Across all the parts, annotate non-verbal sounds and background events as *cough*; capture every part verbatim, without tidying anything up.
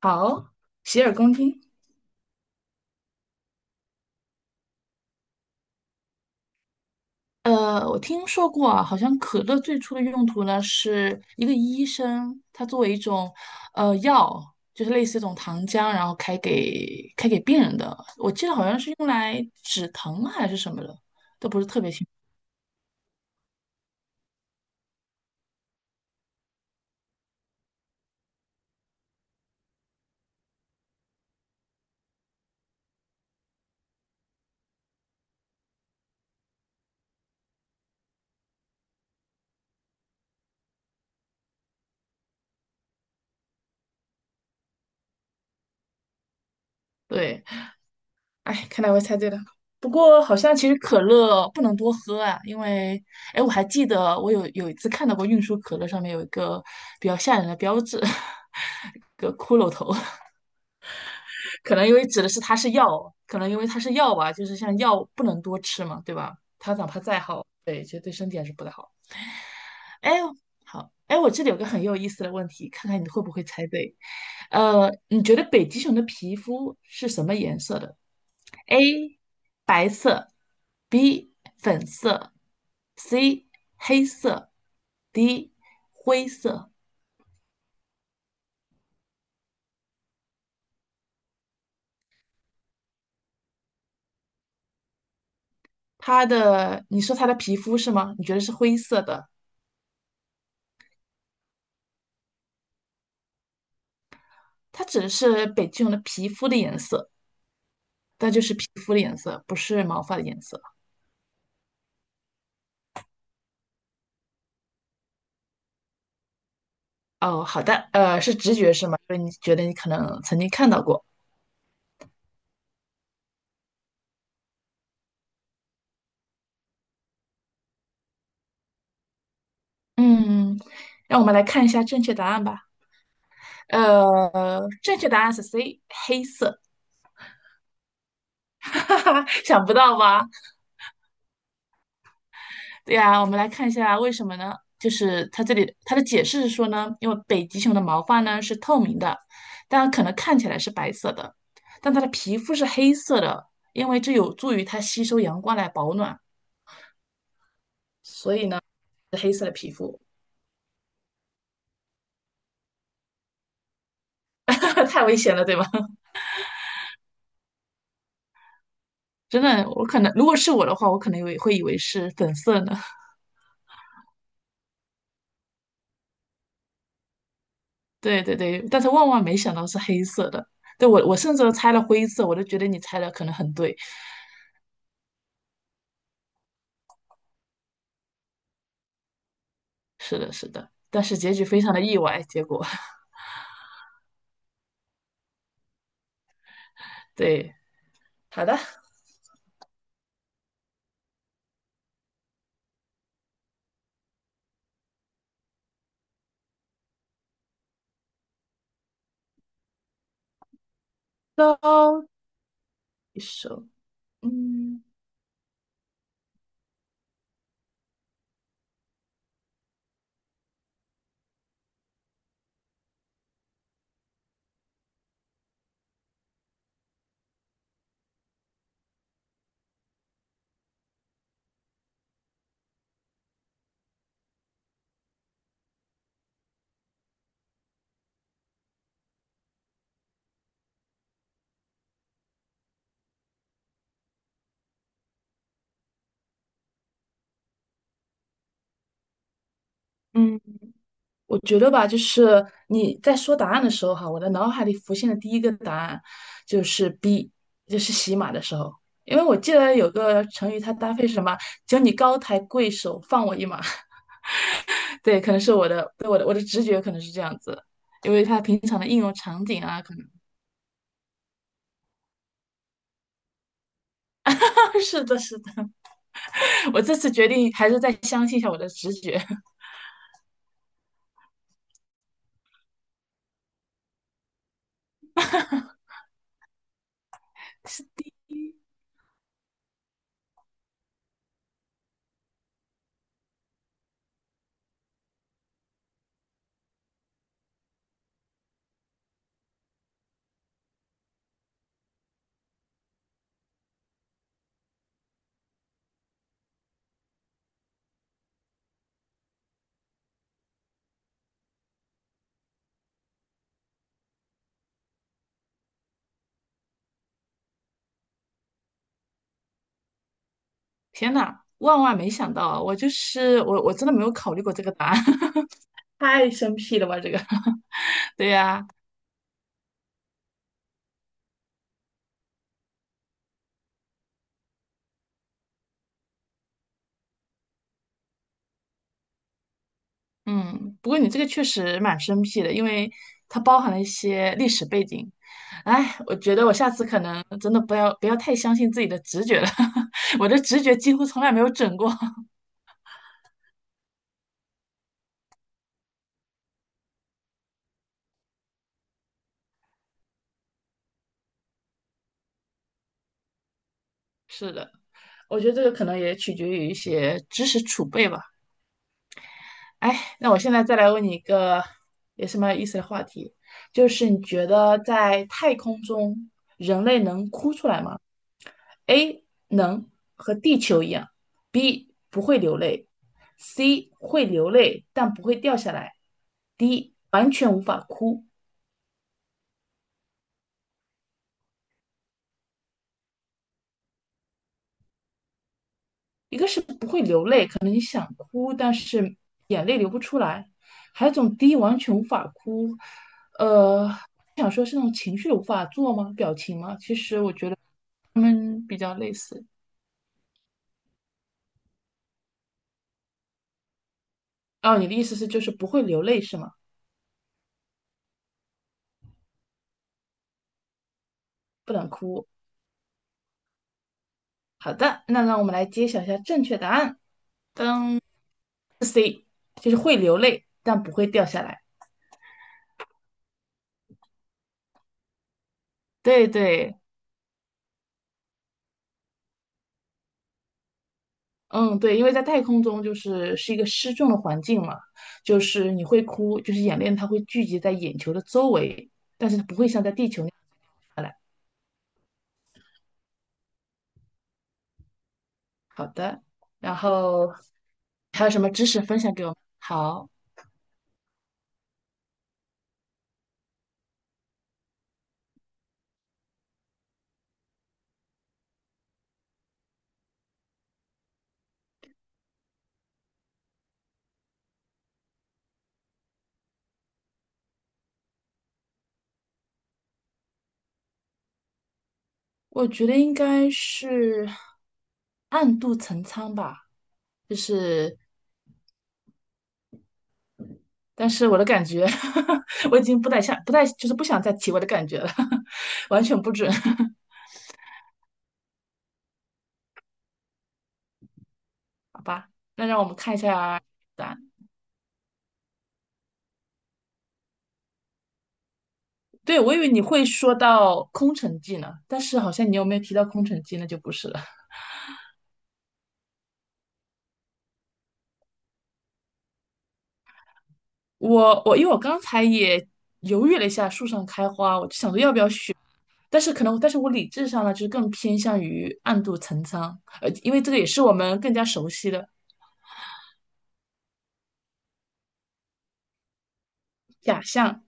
好，洗耳恭听。呃，我听说过啊，好像可乐最初的用途呢，是一个医生，他作为一种呃药，就是类似一种糖浆，然后开给开给病人的。我记得好像是用来止疼啊还是什么的，都不是特别清楚。对，哎，看来我猜对了。不过好像其实可乐不能多喝啊，因为哎，我还记得我有有一次看到过运输可乐上面有一个比较吓人的标志，*laughs* 一个骷髅头。可能因为指的是它是药，可能因为它是药吧，就是像药不能多吃嘛，对吧？它哪怕再好，哎，好，哎，我这里有个很有意思的问题，看看你会不会猜对。呃，你觉得北极熊的皮肤是什么颜色的？A. 白色，B. 粉色，C. 黑色，D. 灰色。它的，你说它的皮肤是吗？你觉得是灰色的？它指的是北极熊的皮肤的颜色。它就是皮肤的颜色，不是毛发的颜色。哦，好的，呃，是直觉是吗？所以你觉得你可能曾经看到过。嗯，让我们来看一下正确答案吧。呃，正确答案是 C，黑色。*laughs* 哈哈，想不到吧？对呀，我们来看一下为什么呢？就是它这里它的解释是说呢，因为北极熊的毛发呢是透明的，当然可能看起来是白色的，但它的皮肤是黑色的，因为这有助于它吸收阳光来保暖，所以呢是黑色的皮肤。*laughs* 那太危险了，对吧？*laughs* 真的，我可能如果是我的话，我可能也会以为是粉色呢。*laughs* 对对对，但是万万没想到是黑色的。对我，我甚至都猜了灰色，我都觉得你猜的可能很对。是的，是的，但是结局非常的意外，结果 *laughs* 对。好的，到一首，嗯嗯。我觉得吧，就是你在说答案的时候哈，我的脑海里浮现的第一个答案就是 B，就是洗马的时候，因为我记得有个成语，它搭配是什么？只你高抬贵手，放我一马。*laughs* 对，可能是我的，对我的我的直觉可能是这样子，因为它平常的应用场景啊，可能 *laughs* 是的，是的。*laughs* 我这次决定还是再相信一下我的直觉。*laughs* 是天呐，万万没想到啊！我就是我，我真的没有考虑过这个答案，*laughs* 太生僻了吧？这个，*laughs* 对呀、嗯，不过你这个确实蛮生僻的，因为它包含了一些历史背景。哎，我觉得我下次可能真的不要不要太相信自己的直觉了，*laughs* 我的直觉几乎从来没有准过。*laughs* 是的，我觉得这个可能也取决于一些知识储备吧。哎，那我现在再来问你一个也是蛮有意思的话题，就是你觉得在太空中人类能哭出来吗？A 能和地球一样，B 不会流泪，C 会流泪但不会掉下来，D 完全无法哭。一个是不会流泪，可能想哭，但是眼泪流不出来；还有一种 D 完全无法哭，呃，想说是那种情绪无法做吗？表情吗？其实我觉得他们比较类似。哦，你的意思是就是不会流泪是吗？不能哭。好的，那让我们来揭晓一下正确答案。就是会流泪，但不会掉下来。对对，嗯对，因为在太空中就是是一个失重的环境嘛，就是你会哭，就是眼泪它会聚集在眼球的周围，但是它不会像在地球那样下来。好的，然后还有什么知识分享给我们好，我觉得应该是暗度陈仓吧，就是，但是我的感觉，*laughs* 我已经不太想，不太就是不想再提我的感觉了，*laughs* 完全不准。*laughs* 那让我们看一下答案。对，我以为你会说到空城计呢，但是好像你有没有提到空城计，那就不是了。我我因为我刚才也犹豫了一下，树上开花，我就想着要不要选，但是可能，但是我理智上呢，就是更偏向于暗度陈仓，呃，因为这个也是我们更加熟悉的假象。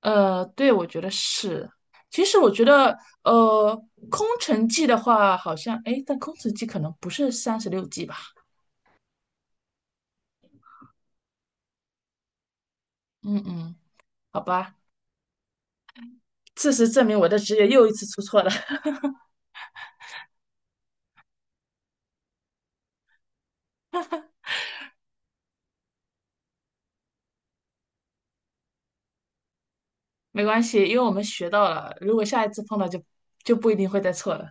呃，对，我觉得是。其实我觉得，呃，空城计的话，好像，哎，但空城计可能不是三十六计吧？嗯嗯，好吧。事实证明我的职业又一次出错了，*laughs* 没关系，因为我们学到了，如果下一次碰到就就不一定会再错了。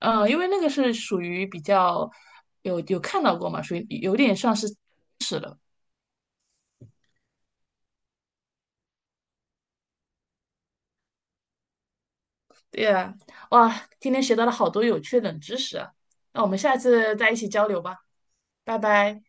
嗯，因为那个是属于比较有有看到过嘛，属于有点像是，对呀。哇，今天学到了好多有趣的冷知识啊，那我们下次再一起交流吧，拜拜。